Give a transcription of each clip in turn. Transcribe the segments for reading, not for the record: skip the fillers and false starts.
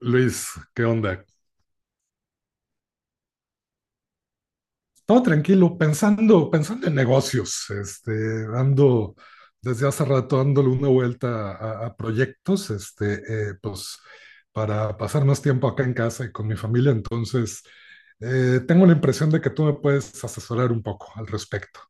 Luis, ¿qué onda? Todo tranquilo, pensando, pensando en negocios. Ando desde hace rato dándole una vuelta a proyectos, pues para pasar más tiempo acá en casa y con mi familia. Entonces, tengo la impresión de que tú me puedes asesorar un poco al respecto.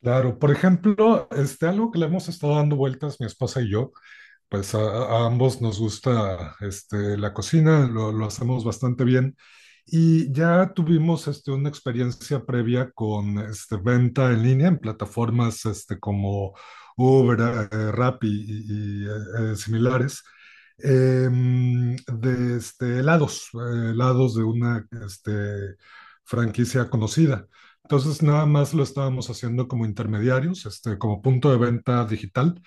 Claro, por ejemplo, algo que le hemos estado dando vueltas mi esposa y yo, pues a ambos nos gusta, la cocina, lo hacemos bastante bien. Y ya tuvimos, una experiencia previa con, venta en línea en plataformas, como Uber, Rappi y similares, de, helados, helados de una, franquicia conocida. Entonces, nada más lo estábamos haciendo como intermediarios, como punto de venta digital,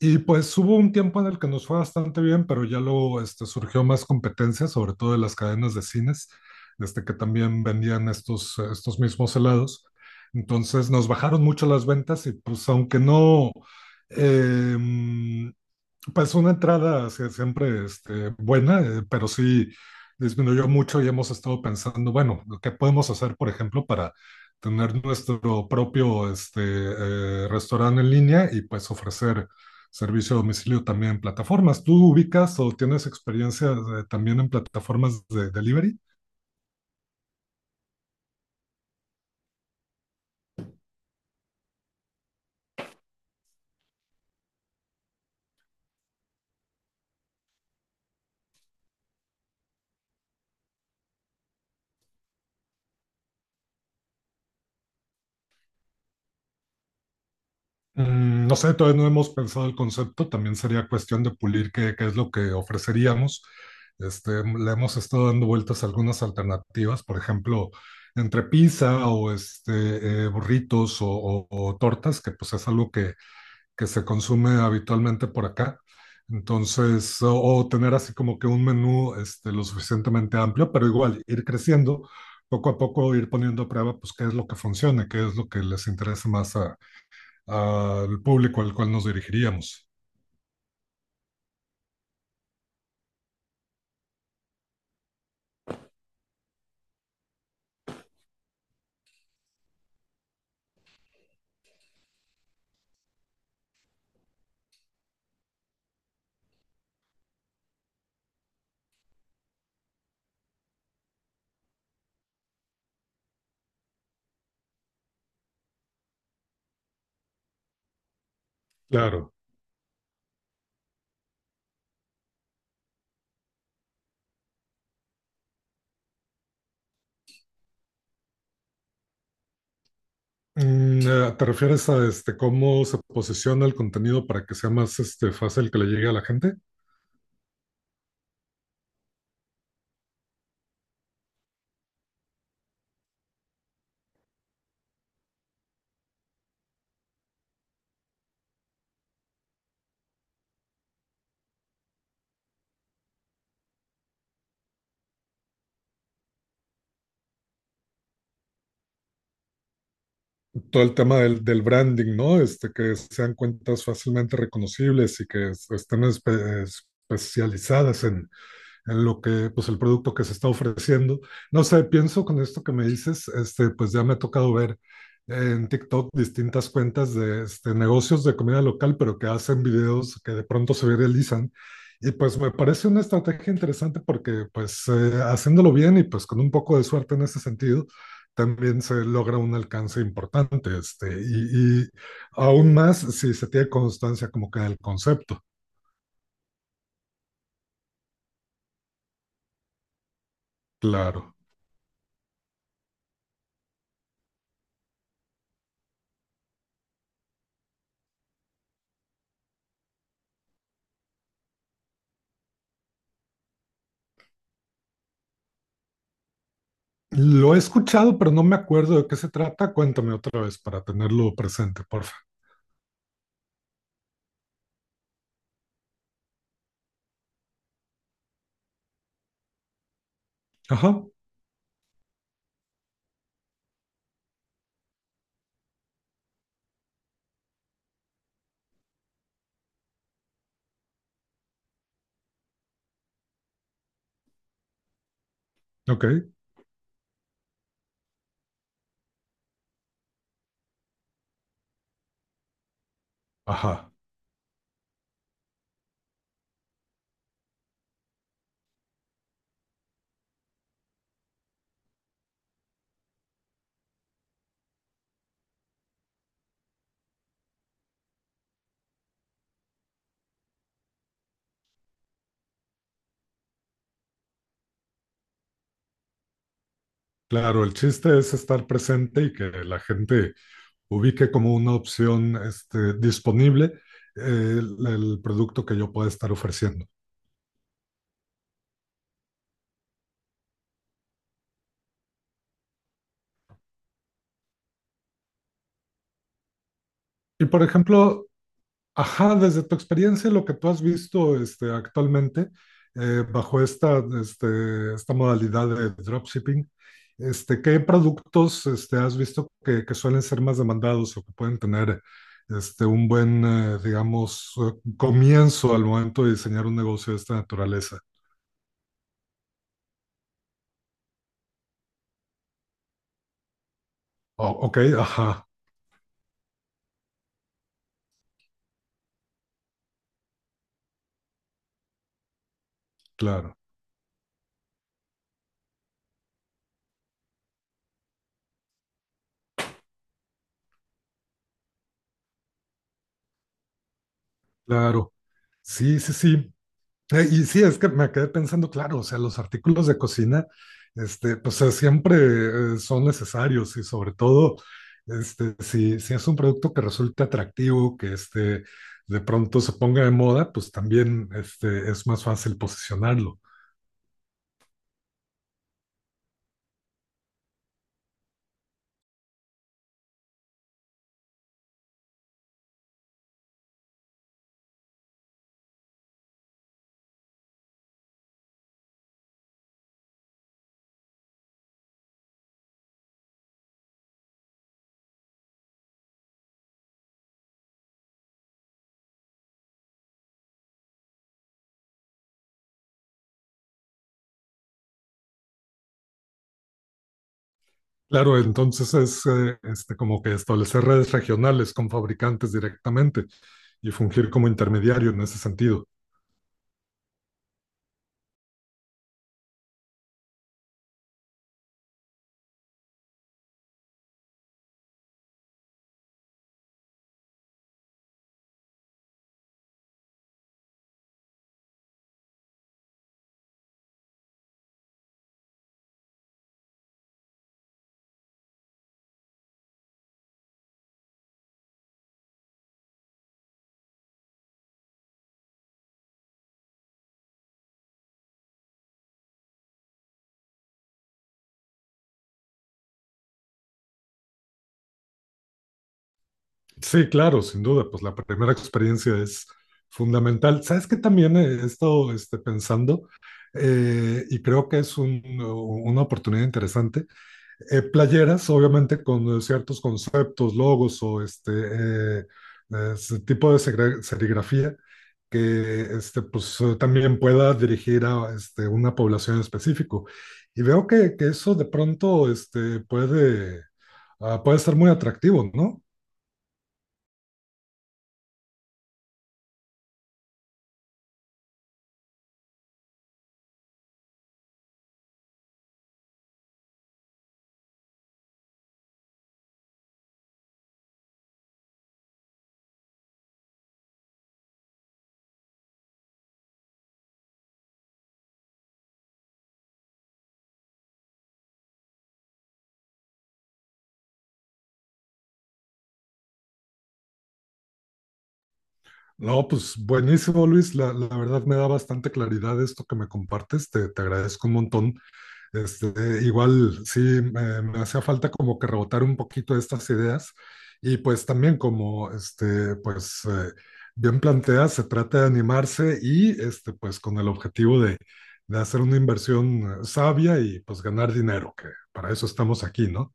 y pues hubo un tiempo en el que nos fue bastante bien, pero ya luego, surgió más competencia, sobre todo de las cadenas de cines, que también vendían estos mismos helados. Entonces nos bajaron mucho las ventas y pues, aunque no, eh, pues una entrada sí, siempre, buena, pero sí disminuyó mucho, y hemos estado pensando, bueno, ¿qué podemos hacer, por ejemplo, para tener nuestro propio, restaurante en línea y pues ofrecer servicio a domicilio también en plataformas? ¿Tú ubicas o tienes experiencia, también en plataformas de delivery? No sé, todavía no hemos pensado el concepto, también sería cuestión de pulir qué, qué es lo que ofreceríamos. Le hemos estado dando vueltas a algunas alternativas, por ejemplo, entre pizza o, burritos o tortas, que pues es algo que se consume habitualmente por acá. Entonces, o tener así como que un menú, lo suficientemente amplio, pero igual ir creciendo, poco a poco ir poniendo a prueba, pues qué es lo que funcione, qué es lo que les interesa más al público al cual nos dirigiríamos. Claro. ¿Te refieres a, cómo se posiciona el contenido para que sea más, fácil que le llegue a la gente? Todo el tema del branding, ¿no? Que sean cuentas fácilmente reconocibles y que estén especializadas en lo que, pues el producto que se está ofreciendo. No sé, pienso con esto que me dices, pues ya me ha tocado ver en TikTok distintas cuentas de, negocios de comida local, pero que hacen videos que de pronto se viralizan. Y pues me parece una estrategia interesante porque, pues haciéndolo bien y pues con un poco de suerte en ese sentido, también se logra un alcance importante. Y, y aún más si se tiene constancia, como que del concepto, claro. Lo he escuchado, pero no me acuerdo de qué se trata. Cuéntame otra vez para tenerlo presente, porfa. Ajá, ok, ajá. Claro, el chiste es estar presente y que la gente ubique como una opción, disponible, el producto que yo pueda estar ofreciendo. Y por ejemplo, ajá, desde tu experiencia, lo que tú has visto, actualmente, bajo esta modalidad de dropshipping, ¿qué productos, has visto que suelen ser más demandados o que pueden tener, un buen, digamos, comienzo al momento de diseñar un negocio de esta naturaleza? Ok, ajá, claro, claro. Sí, sí, sí. Y sí, es que me quedé pensando, claro, o sea, los artículos de cocina, siempre, son necesarios, y sobre todo, si es un producto que resulta atractivo, que, de pronto se ponga de moda, pues también, es más fácil posicionarlo. Claro, entonces es, como que establecer redes regionales con fabricantes directamente y fungir como intermediario en ese sentido. Sí, claro, sin duda, pues la primera experiencia es fundamental. ¿Sabes qué también he estado, pensando? Y creo que es una oportunidad interesante. Playeras, obviamente, con, ciertos conceptos, logos o, eh, ese tipo de serigrafía que, también pueda dirigir a, una población específica. Y veo que eso de pronto, puede ser muy atractivo, ¿no? No, pues buenísimo, Luis. La verdad me da bastante claridad esto que me compartes. Te agradezco un montón. Igual sí, me hacía falta como que rebotar un poquito estas ideas. Y pues también como, bien planteas, se trata de animarse y, pues con el objetivo de hacer una inversión, sabia, y pues ganar dinero, que para eso estamos aquí, ¿no?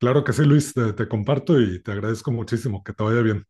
Claro que sí, Luis, te comparto y te agradezco muchísimo. Que te vaya bien.